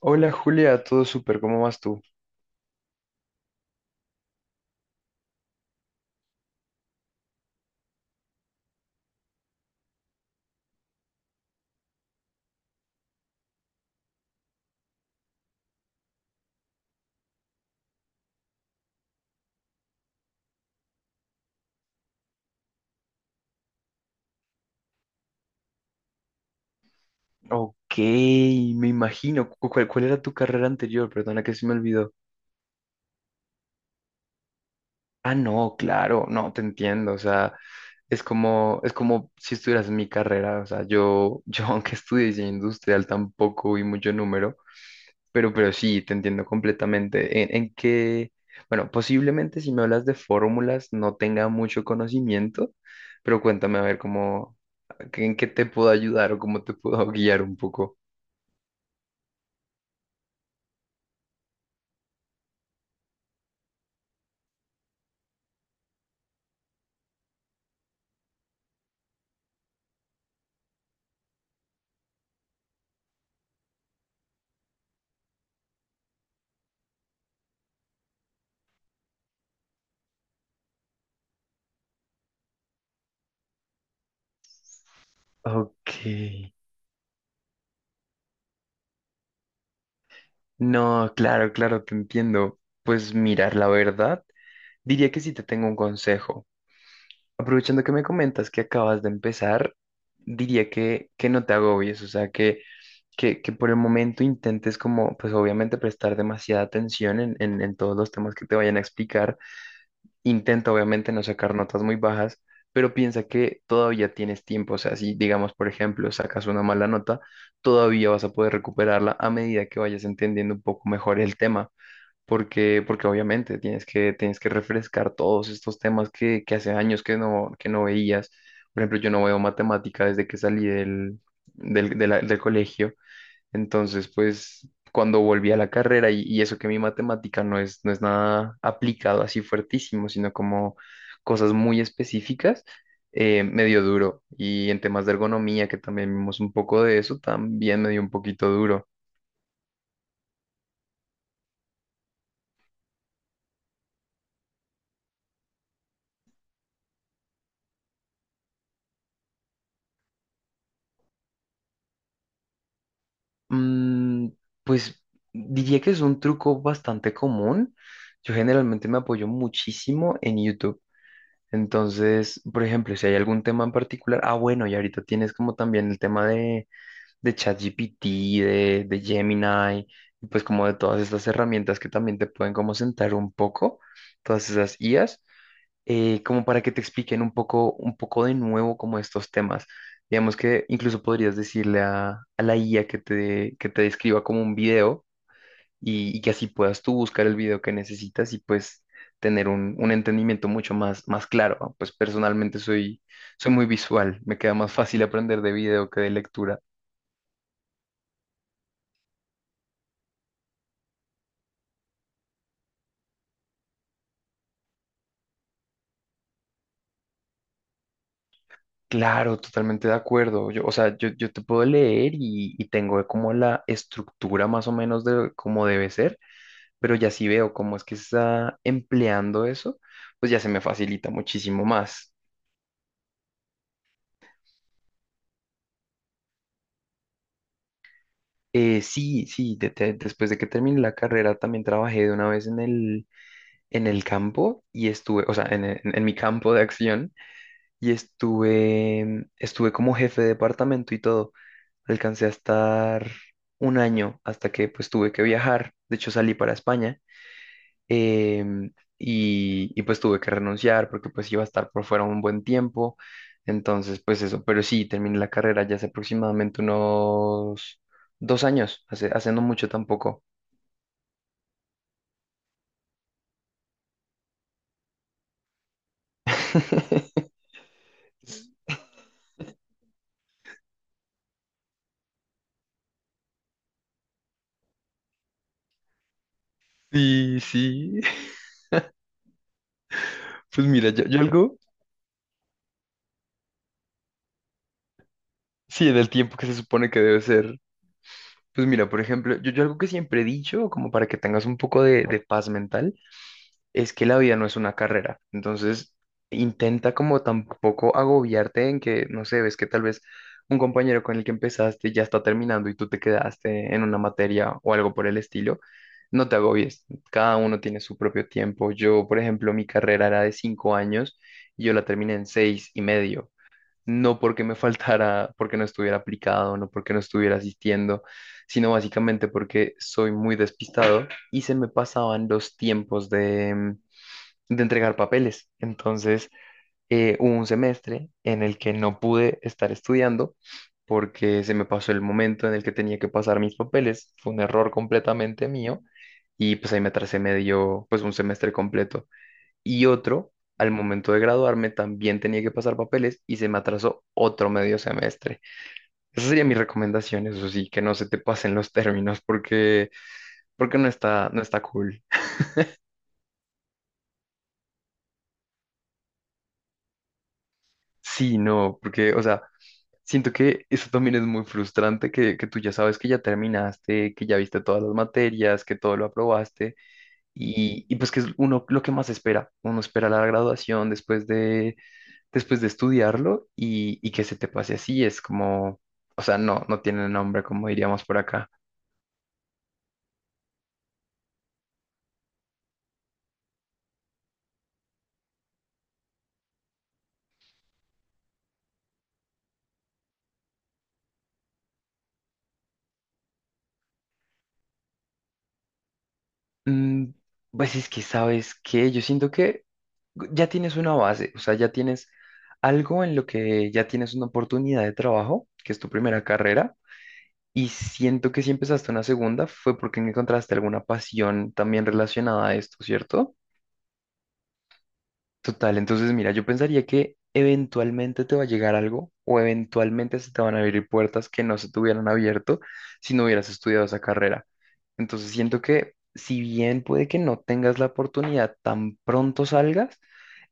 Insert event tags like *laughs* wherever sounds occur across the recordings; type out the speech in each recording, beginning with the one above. Hola Julia, todo súper, ¿cómo vas tú? Ok, me imagino. ¿Cuál era tu carrera anterior? Perdona que se me olvidó. Ah, no, claro, no, te entiendo. O sea, es como si estuvieras en mi carrera. O sea, yo *laughs* aunque estudié diseño industrial, tampoco vi mucho número, pero sí, te entiendo completamente. En que, bueno, posiblemente si me hablas de fórmulas no tenga mucho conocimiento, pero cuéntame a ver cómo, en qué te puedo ayudar o cómo te puedo *laughs* guiar un poco. Ok. No, claro, claro, te entiendo. Pues mirar, la verdad, diría que sí te tengo un consejo. Aprovechando que me comentas que acabas de empezar, diría que no te agobies, o sea, que por el momento intentes como, pues obviamente prestar demasiada atención en, en todos los temas que te vayan a explicar. Intenta obviamente no sacar notas muy bajas, pero piensa que todavía tienes tiempo. O sea, si digamos, por ejemplo, sacas una mala nota, todavía vas a poder recuperarla a medida que vayas entendiendo un poco mejor el tema. Porque, porque obviamente tienes que refrescar todos estos temas que hace años que no veías. Por ejemplo, yo no veo matemática desde que salí del, del colegio. Entonces, pues cuando volví a la carrera y eso que mi matemática no es, no es nada aplicado así fuertísimo, sino como cosas muy específicas, me dio duro. Y en temas de ergonomía, que también vimos un poco de eso, también me dio un poquito duro. Mm, pues diría que es un truco bastante común. Yo generalmente me apoyo muchísimo en YouTube. Entonces, por ejemplo, si hay algún tema en particular, ah, bueno, y ahorita tienes como también el tema de ChatGPT, de Gemini, y pues como de todas estas herramientas que también te pueden como sentar un poco, todas esas IAs, como para que te expliquen un poco de nuevo como estos temas. Digamos que incluso podrías decirle a la IA que te describa como un video y que así puedas tú buscar el video que necesitas y pues tener un entendimiento mucho más, más claro, ¿no? Pues personalmente soy, soy muy visual, me queda más fácil aprender de video que de lectura. Claro, totalmente de acuerdo. Yo, o sea, yo te puedo leer y tengo como la estructura más o menos de cómo debe ser, pero ya si veo cómo es que se está empleando eso, pues ya se me facilita muchísimo más. Sí, sí, después de que terminé la carrera también trabajé de una vez en el campo y estuve, o sea, en, en mi campo de acción y estuve, estuve como jefe de departamento y todo. Alcancé a estar un año hasta que pues tuve que viajar. De hecho, salí para España em, y, y pues tuve que renunciar porque pues iba a estar por fuera un buen tiempo. Entonces, pues eso, pero sí, terminé la carrera ya hace aproximadamente unos dos años, hace, hace no mucho tampoco. *laughs* Sí, sí. Pues mira, yo algo, sí, en el tiempo que se supone que debe ser. Pues mira, por ejemplo, yo algo que siempre he dicho, como para que tengas un poco de paz mental, es que la vida no es una carrera. Entonces, intenta como tampoco agobiarte en que, no sé, ves que tal vez un compañero con el que empezaste ya está terminando y tú te quedaste en una materia o algo por el estilo. No te agobies, cada uno tiene su propio tiempo. Yo, por ejemplo, mi carrera era de cinco años y yo la terminé en seis y medio. No porque me *laughs* faltara, porque no estuviera aplicado, no porque no estuviera asistiendo, sino básicamente porque soy muy despistado y se me pasaban los tiempos de entregar papeles. Entonces, hubo un semestre en el que no pude estar estudiando porque se me pasó el momento en el que tenía que pasar mis papeles. Fue un error completamente mío y pues ahí me atrasé medio, pues un semestre completo. Y otro, al momento de graduarme, también tenía que pasar papeles y se me atrasó otro medio semestre. Esa sería mi recomendación, eso sí, que no se te pasen los términos porque, porque no está, no está cool. Sí, no, porque, o sea, siento que eso también es muy frustrante, que tú ya sabes que ya terminaste, que ya viste todas las materias, que todo lo aprobaste y pues que es uno lo que más espera. Uno espera la graduación después de estudiarlo y que se te pase así. Es como, o sea, no, no tiene nombre, como diríamos por acá. Mm, pues es que sabes que yo siento que ya tienes una base, o sea, ya tienes algo en lo que ya tienes una oportunidad de trabajo, que es tu primera carrera. Y siento que si empezaste una segunda fue porque no encontraste alguna pasión también relacionada a esto, ¿cierto? Total, entonces mira, yo pensaría que eventualmente te va a llegar algo o eventualmente se te van a abrir puertas que no se te hubieran abierto si no hubieras estudiado esa carrera. Entonces siento que si bien puede que no tengas la oportunidad tan pronto salgas,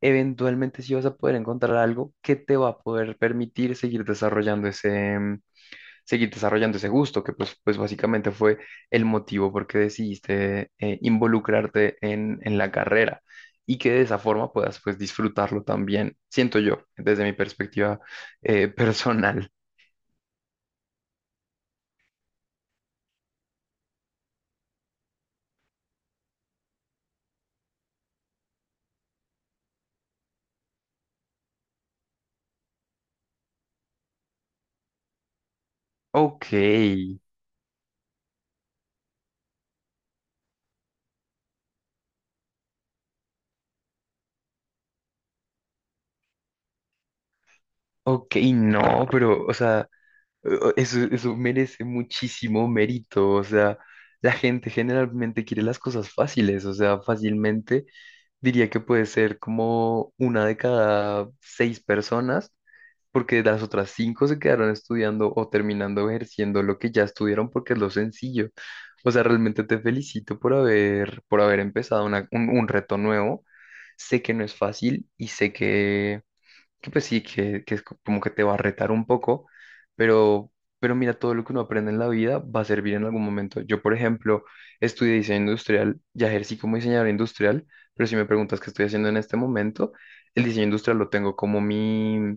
eventualmente sí vas a poder encontrar algo que te va a poder permitir seguir desarrollando ese gusto, que pues, pues básicamente fue el motivo por qué decidiste involucrarte en la carrera y que de esa forma puedas pues disfrutarlo también, siento yo, desde mi perspectiva *laughs* personal. Ok, ok, no, pero o sea, eso, eso merece muchísimo mérito, o sea, la gente generalmente quiere las cosas fáciles, o sea, fácilmente diría que puede ser como una de cada seis personas porque las otras cinco se quedaron estudiando o terminando ejerciendo lo que ya estudiaron porque es lo sencillo. O sea, realmente te felicito por haber empezado un, un reto nuevo. Sé que no es fácil y sé que pues sí, que es como que te va a retar un poco, pero, pero mira, todo lo que uno aprende en la vida va a servir en algún momento. Yo, por ejemplo, estudié diseño industrial, ya ejercí como diseñador industrial, pero si me preguntas qué estoy haciendo en este momento, el diseño industrial lo tengo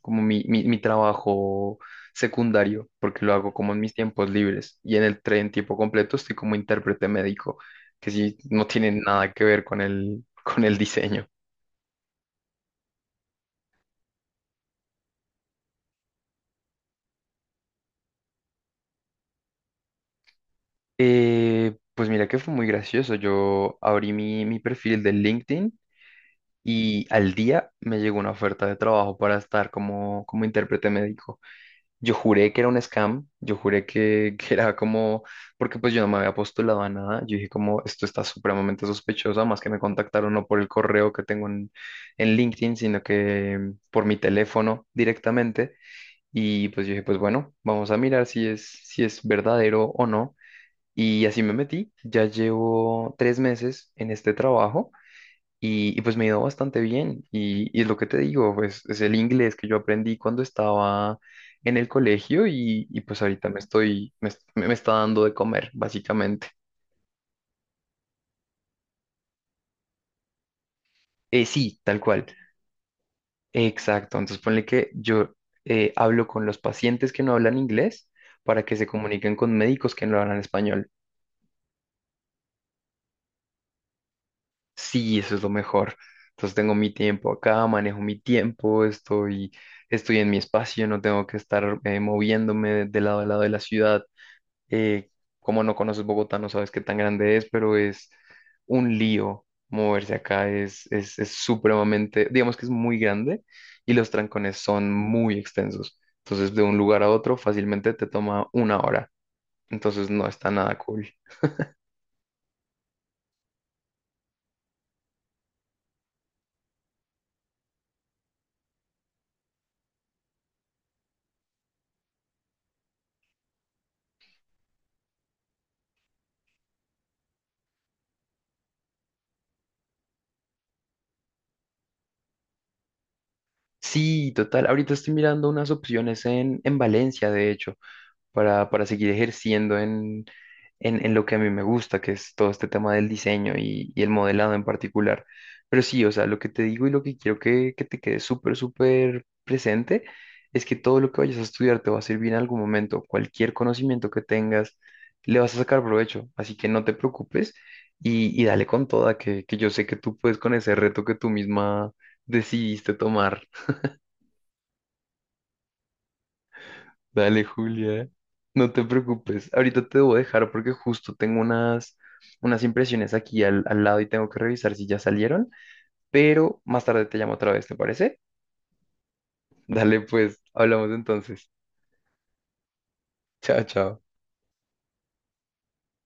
como mi, mi trabajo secundario, porque lo hago como en mis tiempos libres. Y en el tren tiempo completo estoy como intérprete médico, que sí, no tiene nada que ver con el, *laughs* con el diseño. Pues mira que fue muy gracioso. Yo abrí mi, mi perfil de LinkedIn y al día me llegó una oferta de trabajo para estar como, como intérprete médico. Yo juré que era un scam, yo juré que era como, porque pues yo no me había postulado a nada, yo dije como, esto está supremamente sospechoso, más que me contactaron no por el correo que tengo en LinkedIn, sino que por mi teléfono directamente. Y pues yo dije, pues bueno, vamos a mirar si es, si es verdadero o no. Y así me metí, ya llevo tres meses en este trabajo. Y pues me ha ido bastante bien. Y es lo que te digo, pues es el inglés que yo aprendí cuando estaba en el colegio y pues ahorita me estoy, me, me está dando de comer, básicamente. Sí, tal cual. Exacto. Entonces ponle que yo hablo con los pacientes que no hablan inglés para que se comuniquen con médicos que no hablan español. Sí, eso es lo mejor. Entonces tengo mi tiempo acá, manejo mi tiempo, estoy, estoy en mi espacio, no tengo que estar moviéndome de lado a lado de la ciudad. Eh, como no conoces Bogotá, no sabes qué tan grande es, pero es un lío moverse acá, es, es supremamente, digamos que es muy grande y los trancones son muy extensos. Entonces, de un lugar a otro fácilmente te toma una hora. Entonces, no está nada cool. Sí, total. Ahorita estoy mirando unas opciones en Valencia, de hecho. Para seguir ejerciendo en, en lo que a mí me gusta, que es todo este tema del diseño y el modelado en particular. Pero sí, o sea, lo que te digo y lo que quiero que te quede súper, súper presente es que todo lo que vayas a estudiar te va a servir en algún momento. Cualquier conocimiento que tengas, le vas a sacar provecho. Así que no te preocupes y dale con toda, que yo sé que tú puedes con ese reto que tú misma decidiste tomar. Dale, Julia, no te preocupes. Ahorita te debo dejar porque justo tengo unas, unas impresiones aquí al, al lado y tengo que revisar si ya salieron, pero más tarde te llamo otra vez, ¿te parece? Dale, pues, hablamos entonces. Chao, chao.